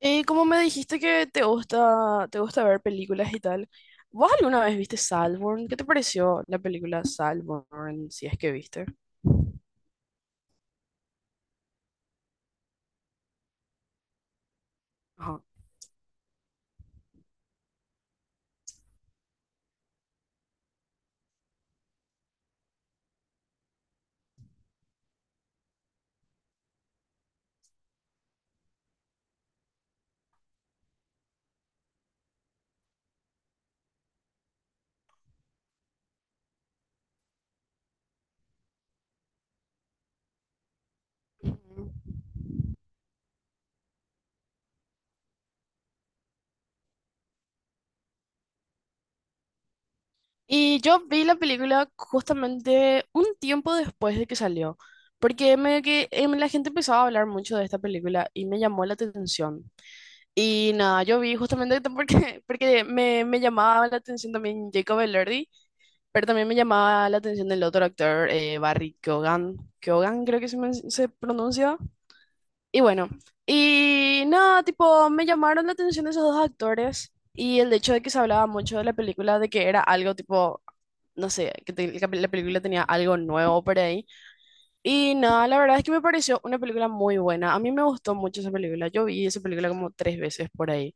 Y como me dijiste que te gusta ver películas y tal, ¿vos alguna vez viste Saltburn? ¿Qué te pareció la película Saltburn, si es que viste? Ajá. Ujú. Y yo vi la película justamente un tiempo después de que salió, porque la gente empezaba a hablar mucho de esta película y me llamó la atención. Y nada, yo vi justamente porque, porque me llamaba la atención también Jacob Elordi. Pero también me llamaba la atención el otro actor, Barry Keoghan. Keoghan creo que se pronuncia. Y bueno, y nada, tipo, me llamaron la atención esos dos actores y el hecho de que se hablaba mucho de la película, de que era algo tipo, no sé, que la película tenía algo nuevo por ahí. Y nada, la verdad es que me pareció una película muy buena. A mí me gustó mucho esa película. Yo vi esa película como tres veces por ahí.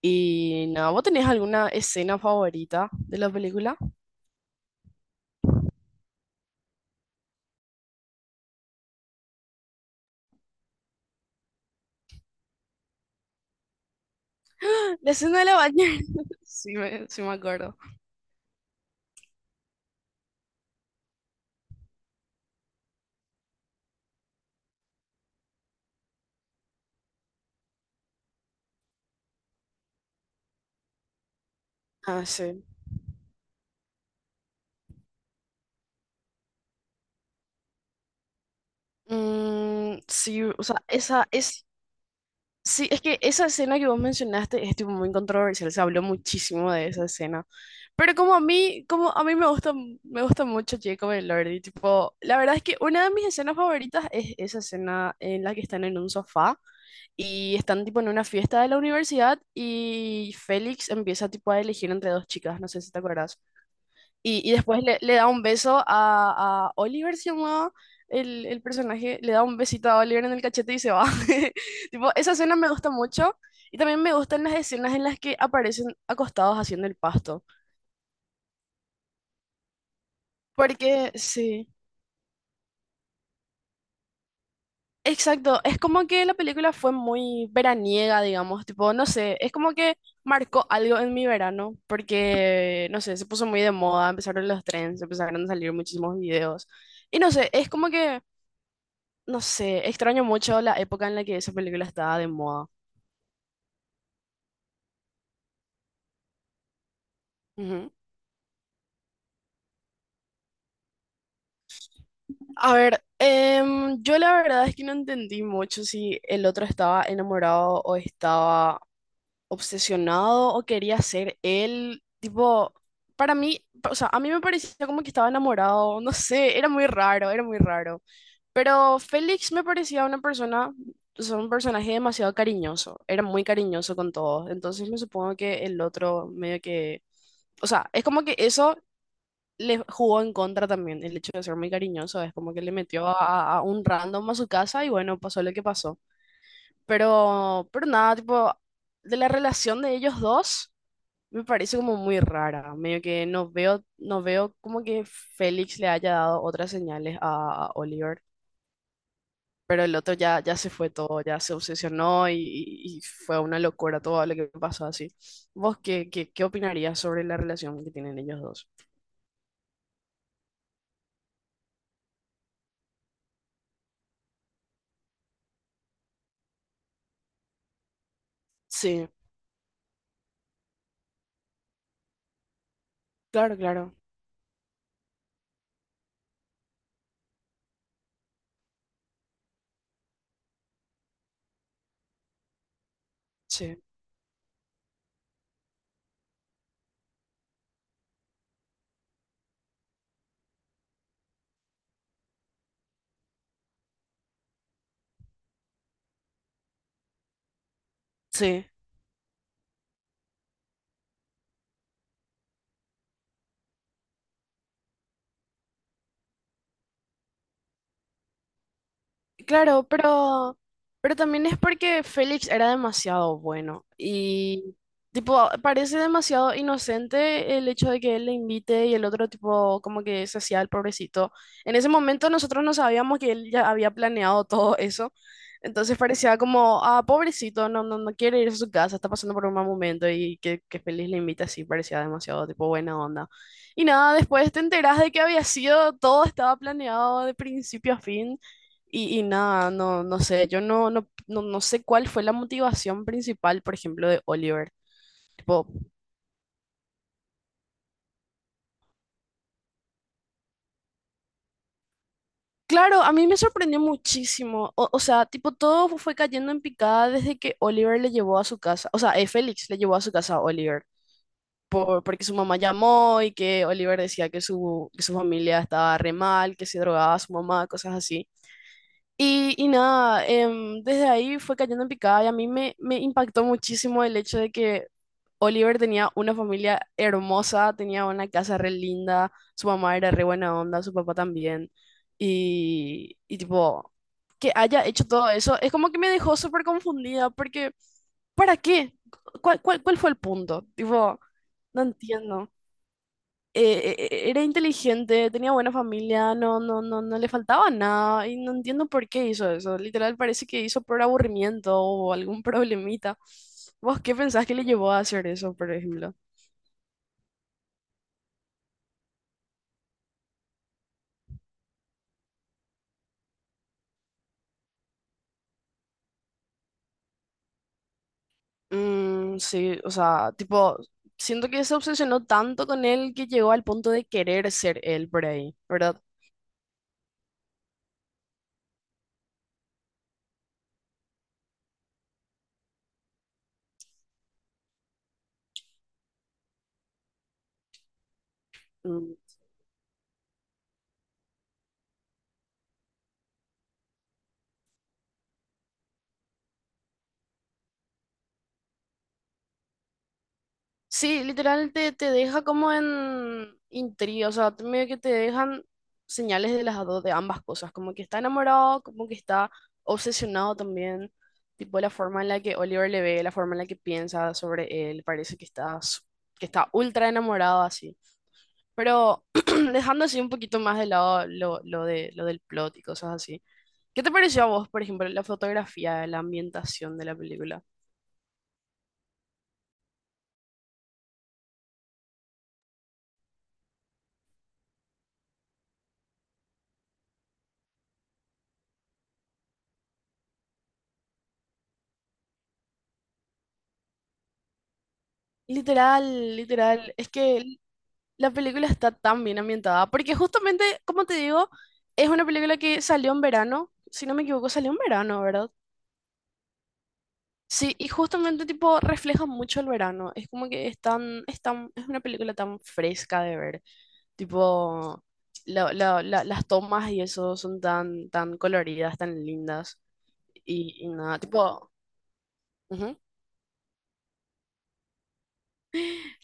Y nada, ¿vos tenés alguna escena favorita de la película? La escena de la bañera. Sí me acuerdo. Ah, sí. Mm, sí, o sea, esa es... Sí, es que esa escena que vos mencionaste es tipo muy controversial, se habló muchísimo de esa escena. Pero como a mí me gusta mucho Jacob y Lordy, tipo, la verdad es que una de mis escenas favoritas es esa escena en la que están en un sofá y están tipo en una fiesta de la universidad y Félix empieza tipo a elegir entre dos chicas, no sé si te acuerdas. Y después le da un beso a Oliver, se llamaba el personaje, le da un besito a Oliver en el cachete y se va. Tipo, esa escena me gusta mucho y también me gustan las escenas en las que aparecen acostados haciendo el pasto. Porque, sí, exacto, es como que la película fue muy veraniega, digamos, tipo, no sé, es como que marcó algo en mi verano, porque, no sé, se puso muy de moda, empezaron los trends, empezaron a salir muchísimos videos. Y no sé, es como que no sé, extraño mucho la época en la que esa película estaba de moda. Ujú. A ver, yo la verdad es que no entendí mucho si el otro estaba enamorado o estaba obsesionado o quería ser él, tipo, para mí, o sea, a mí me parecía como que estaba enamorado, no sé, era muy raro, era muy raro. Pero Félix me parecía una persona, o sea, un personaje demasiado cariñoso, era muy cariñoso con todos, entonces me supongo que el otro medio que, o sea, es como que eso le jugó en contra también, el hecho de ser muy cariñoso, es como que le metió a un random a su casa y bueno, pasó lo que pasó. Pero nada, tipo, de la relación de ellos dos, me parece como muy rara. Medio que no veo, no veo como que Félix le haya dado otras señales a Oliver. Pero el otro ya, ya se fue todo, ya se obsesionó y y fue una locura todo lo que pasó así. ¿Vos qué opinarías sobre la relación que tienen ellos dos? Sí, claro, claro. Sí, sí. Claro, pero también es porque Félix era demasiado bueno y tipo parece demasiado inocente el hecho de que él le invite y el otro tipo como que se hacía el pobrecito. En ese momento nosotros no sabíamos que él ya había planeado todo eso, entonces parecía como, ah, pobrecito, no, no, no quiere ir a su casa, está pasando por un mal momento y que Félix le invita así, parecía demasiado tipo buena onda. Y nada, después te enterás de que había sido, todo estaba planeado de principio a fin. Y nada, no, no sé, yo no, no, no, no sé cuál fue la motivación principal, por ejemplo, de Oliver. Tipo, claro, a mí me sorprendió muchísimo. O sea, tipo, todo fue cayendo en picada desde que Oliver le llevó a su casa. O sea, Félix le llevó a su casa a Oliver. Por- porque su mamá llamó y que Oliver decía que que su familia estaba re mal, que se drogaba su mamá, cosas así. Y nada, desde ahí fue cayendo en picada y a mí me impactó muchísimo el hecho de que Oliver tenía una familia hermosa, tenía una casa re linda, su mamá era re buena onda, su papá también. Y tipo, que haya hecho todo eso, es como que me dejó súper confundida porque, ¿para qué? Cuál fue el punto? Tipo, no entiendo. Era inteligente, tenía buena familia, no, no, no, no le faltaba nada y no entiendo por qué hizo eso. Literal parece que hizo por aburrimiento o algún problemita. ¿Vos qué pensás que le llevó a hacer eso, por ejemplo? Mm, sí, o sea, tipo, siento que se obsesionó tanto con él que llegó al punto de querer ser él por ahí, ¿verdad? Mm. Sí, literal te deja como en intriga, o sea, medio que te dejan señales de las dos, de ambas cosas, como que está enamorado, como que está obsesionado también, tipo la forma en la que Oliver le ve, la forma en la que piensa sobre él, parece que que está ultra enamorado así, pero dejando así un poquito más de lado lo del plot y cosas así. ¿Qué te pareció a vos, por ejemplo, la fotografía, la ambientación de la película? Literal, literal. Es que la película está tan bien ambientada, porque justamente, como te digo, es una película que salió en verano, si no me equivoco, salió en verano, ¿verdad? Sí, y justamente tipo refleja mucho el verano, es como que es una película tan fresca de ver, tipo las tomas y eso son tan, tan coloridas, tan lindas, y nada, tipo... Ujú.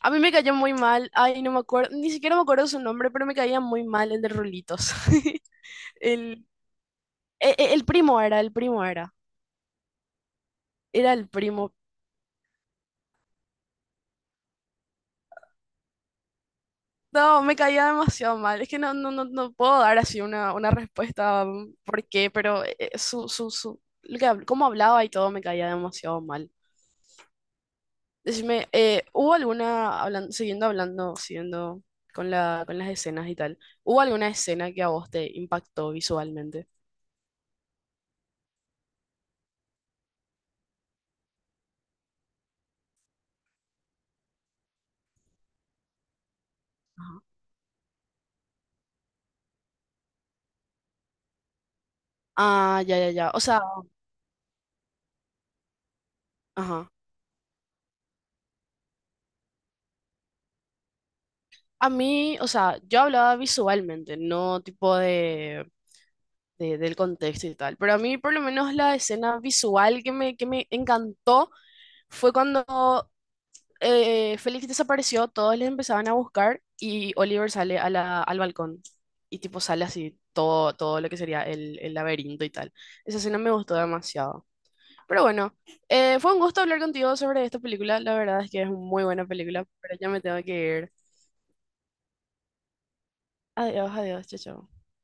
A mí me cayó muy mal, ay, no me acuerdo, ni siquiera me acuerdo su nombre, pero me caía muy mal el de Rulitos. El, el primo era, el primo era, era el primo. No, me caía demasiado mal. Es que no, no, no, no puedo dar así una respuesta mm, por qué, pero su, lo que, cómo hablaba y todo me caía demasiado mal. Decime, ¿hubo alguna, hablando, siguiendo con la, con las escenas y tal, ¿hubo alguna escena que a vos te impactó visualmente? Ajá. Ah, ya, ya, ya. O sea, ajá. A mí, o sea, yo hablaba visualmente, no tipo de... del contexto y tal. Pero a mí por lo menos la escena visual que que me encantó fue cuando Félix desapareció, todos le empezaban a buscar y Oliver sale a al balcón y tipo sale así todo, todo lo que sería el laberinto y tal. Esa escena me gustó demasiado. Pero bueno, fue un gusto hablar contigo sobre esta película. La verdad es que es una muy buena película, pero ya me tengo que ir. Adiós, adiós, chao, chao.